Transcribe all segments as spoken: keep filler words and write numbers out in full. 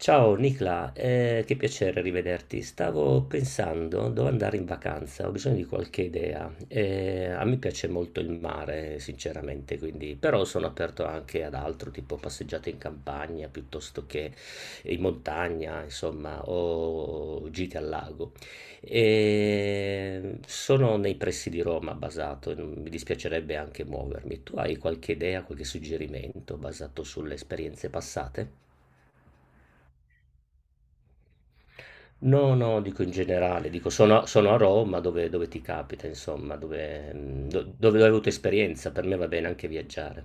Ciao Nicla, eh, che piacere rivederti. Stavo pensando dove andare in vacanza, ho bisogno di qualche idea. Eh, a me piace molto il mare, sinceramente, quindi, però sono aperto anche ad altro, tipo passeggiate in campagna piuttosto che in montagna, insomma, o gite al lago. Eh, sono nei pressi di Roma basato, non- mi dispiacerebbe anche muovermi. Tu hai qualche idea, qualche suggerimento basato sulle esperienze passate? No, no, dico in generale, dico sono a sono a Roma dove dove ti capita insomma, dove mhmm, do dove hai avuto esperienza, per me va bene anche viaggiare.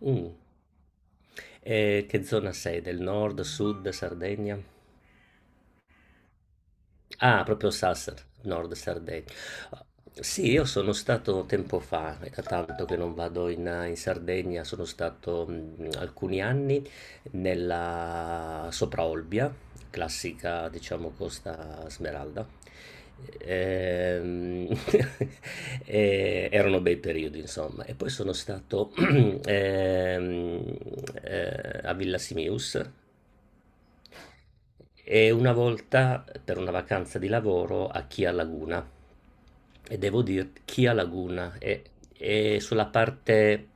Mh. E che zona sei? Del nord, sud, Sardegna? Ah, proprio Sassari, Nord Sardegna. Sì, io sono stato tempo fa, è da tanto che non vado in, in Sardegna, sono stato mh, alcuni anni nella Sopraolbia, classica, diciamo, Costa Smeralda. Ehm, e erano bei periodi, insomma. E poi sono stato ehm, eh, a Villa Simius, e una volta per una vacanza di lavoro a Chia Laguna e devo dire Chia Laguna è, è sulla parte,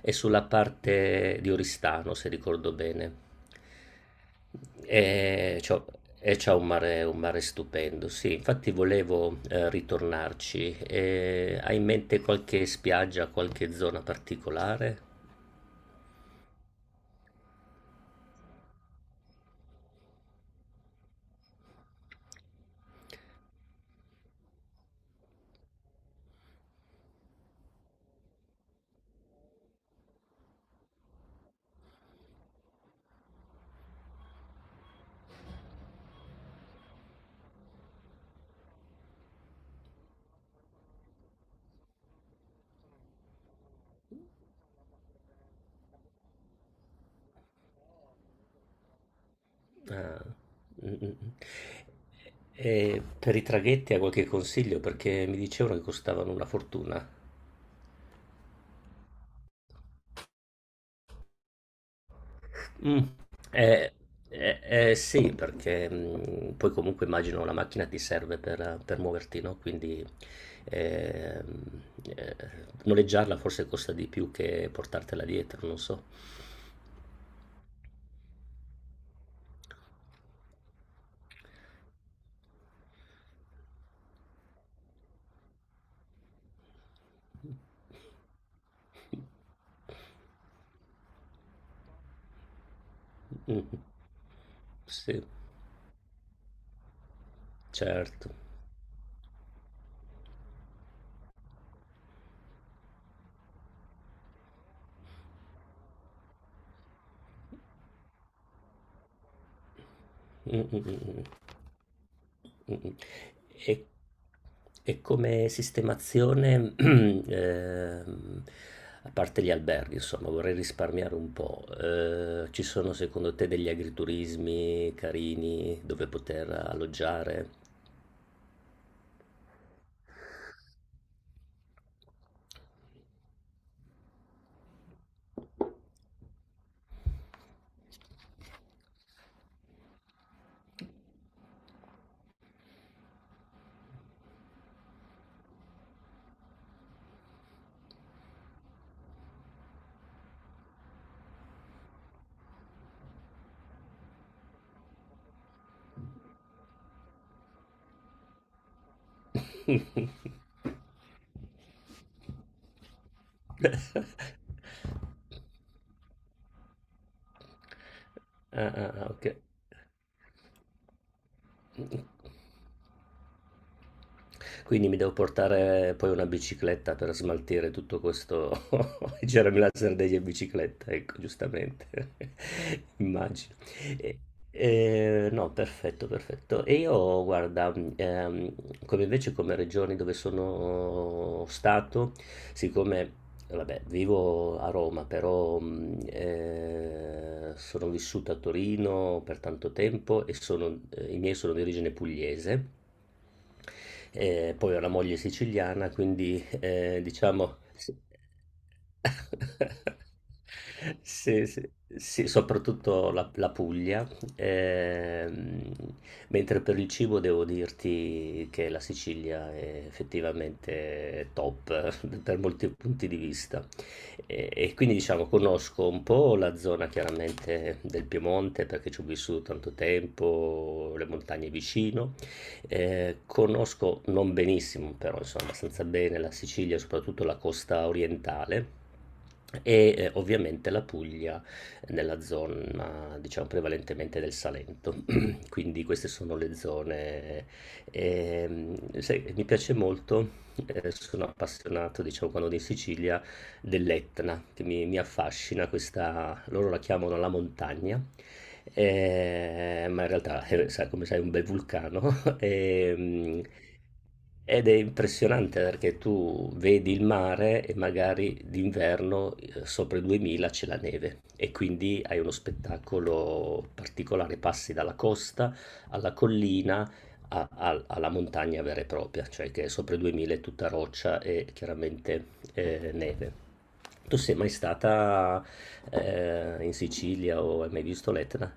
è sulla parte di Oristano, se ricordo bene. E c'ho- e c'ha un mare, un mare stupendo, sì, infatti volevo eh, ritornarci. E hai in mente qualche spiaggia, qualche zona particolare? Ah. Mm, mm, mm. E per i traghetti ha qualche consiglio? Perché mi dicevano che costavano una fortuna. Mm. Eh, eh, eh, sì, perché mm, poi comunque immagino la macchina ti serve per, per muoverti, no? Quindi ehm, eh, noleggiarla forse costa di più che portartela dietro, non so. Mm. Sì, certo. Mm, mm, mm, mm. Mh-mh. E e come sistemazione, ehm, a parte gli alberghi, insomma, vorrei risparmiare un po'. Ehm, ci sono secondo te degli agriturismi carini dove poter alloggiare? Ah, ah, ah, ok. Quindi mi devo portare poi una bicicletta per smaltire tutto questo germe degli in bicicletta, ecco, giustamente, immagino. E- e- no, perfetto, perfetto. E io, guarda, ehm, come invece come regioni dove sono stato, siccome, vabbè, vivo a Roma, però mh, eh, sono vissuto a Torino per tanto tempo e sono- eh, i miei sono di origine pugliese. E poi ho una moglie siciliana, quindi, ehm, diciamo sì. Sì, sì, sì, soprattutto la la Puglia, ehm, mentre per il cibo devo dirti che la Sicilia è effettivamente top per molti punti di vista. E e quindi diciamo conosco un po' la zona chiaramente del Piemonte perché ci ho vissuto tanto tempo, le montagne vicino, eh, conosco non benissimo, però insomma abbastanza bene la Sicilia, soprattutto la costa orientale. E eh, ovviamente la Puglia nella zona, diciamo, prevalentemente del Salento. Quindi queste sono le zone. Ehm, sai, mi piace molto, eh, sono appassionato, diciamo, quando vado in Sicilia, dell'Etna, che mi, mi affascina questa, loro la chiamano la montagna, eh, ma in realtà, eh, sa- come sai, è un bel vulcano. E, ed è impressionante perché tu vedi il mare e magari d'inverno eh, sopra i duemila c'è la neve e quindi hai uno spettacolo particolare, passi dalla costa alla collina a- a- alla montagna vera e propria, cioè che sopra i duemila è tutta roccia e chiaramente eh, neve. Tu sei mai stata eh, in Sicilia o hai mai visto l'Etna?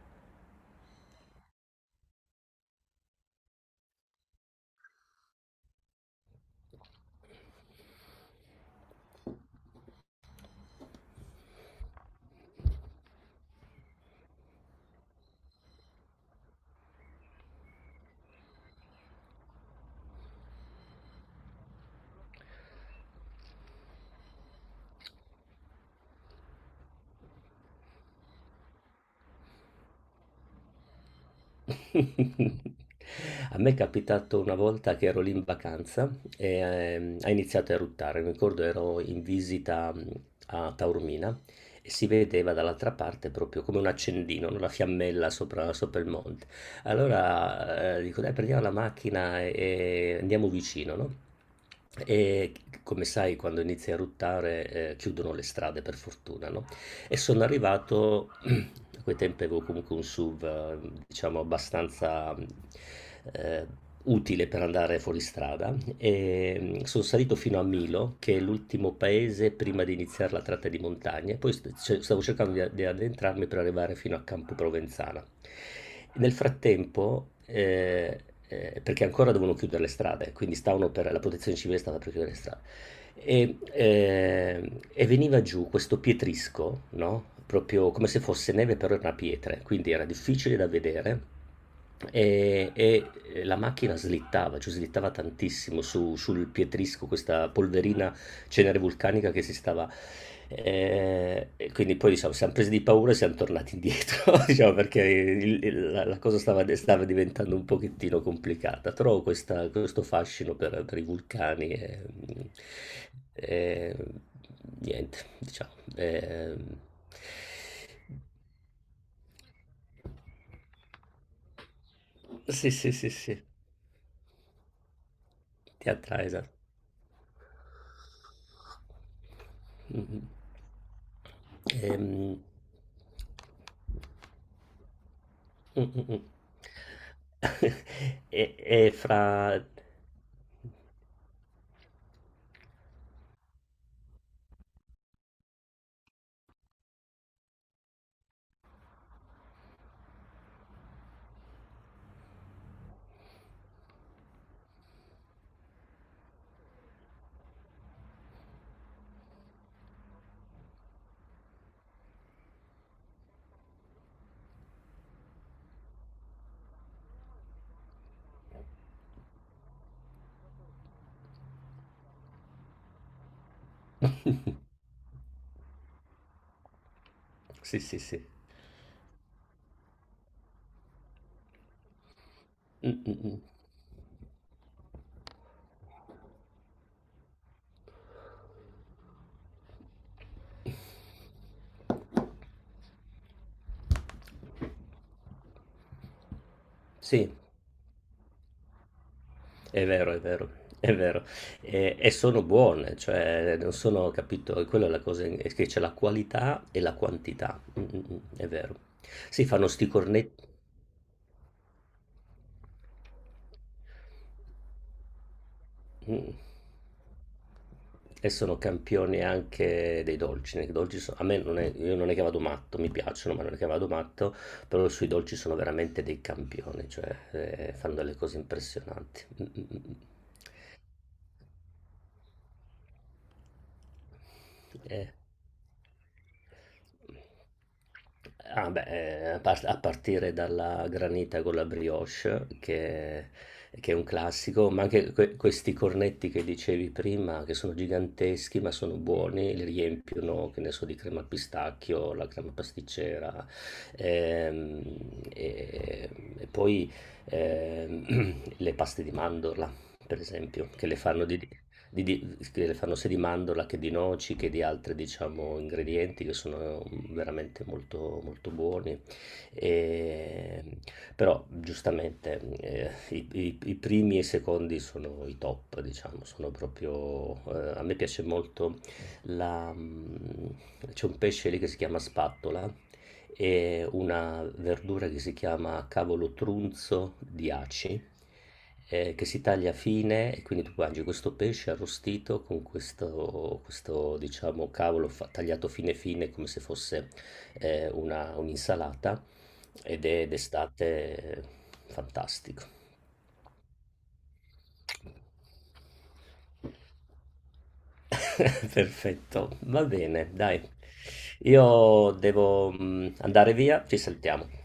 A me è capitato una volta che ero lì in vacanza e ehm, ha iniziato a eruttare. Mi ricordo ero in visita mh, a Taormina e si vedeva dall'altra parte proprio come un accendino, no? Una fiammella sopra, sopra il monte. Allora eh, dico, dai, prendiamo la macchina e, e andiamo vicino, no? E come sai, quando inizia a eruttare, eh, chiudono le strade per fortuna, no? E sono arrivato, a quei tempi avevo comunque un SUV, eh, diciamo, abbastanza eh, utile per andare fuori strada. E mm, sono salito fino a Milo, che è l'ultimo paese prima di iniziare la tratta di montagna. E poi st- ce- stavo cercando di, di addentrarmi per arrivare fino a Campo Provenzana. Nel frattempo, eh, eh, perché ancora dovevano chiudere le strade, quindi stavano per, la protezione civile stava per chiudere le strade. E, eh, e veniva giù questo pietrisco, no? Proprio come se fosse neve, però era una pietra, quindi era difficile da vedere e, e la macchina slittava, cioè slittava tantissimo su- sul pietrisco, questa polverina cenere vulcanica che si stava... eh, E quindi poi diciamo, siamo presi di paura e siamo tornati indietro, diciamo, perché il- il- la, la cosa stava, stava diventando un pochettino complicata. Trovo questa- questo fascino per, per i vulcani e, e niente, diciamo. Ehm, sì, sì, sì, sì, ti attrae, esatto. Mh-mh. Ehm. Mh, mh, mh. E e fra Sì, sì, sì. Mh, mh, mh. Sì, è vero, è vero, è vero. E e sono buone, cioè non sono capito, e quella è la cosa, è che c'è la qualità e la quantità. Mh, mh, mh, è vero. Sì, fanno 'sti cornet mh. E sono campione anche dei dolci. Nei dolci so- a me non è, io non è che vado matto, mi piacciono, ma non è che vado matto, però sui dolci sono veramente dei campioni, cioè eh, fanno delle cose impressionanti. Mm, mm, mm. Mm. Eh, Ah beh, eh, a par- a partire dalla granita con la brioche, che, che è un classico, ma anche que- questi cornetti che dicevi prima, che sono giganteschi ma sono buoni, li riempiono, che ne so, di crema al pistacchio, la crema pasticcera. Ehm, e, e poi ehm, le paste di mandorla, per esempio, che le fanno di, di, di- che fanno sia di mandorla che di noci che di altri, diciamo, ingredienti che sono veramente molto, molto buoni. E, Però, giustamente, eh, i, i- i primi e i secondi sono i top, diciamo, sono proprio... eh, a me piace molto la... mm, c'è un pesce lì che si chiama spattola e una verdura che si chiama cavolo trunzo di aci, eh, che si taglia fine e quindi tu mangi questo pesce arrostito con questo, questo, diciamo, cavolo fa- tagliato fine fine come se fosse eh, una- un'insalata ed è d'estate eh, fantastico. Perfetto, va bene, dai. Io devo mm, andare via, ci saltiamo.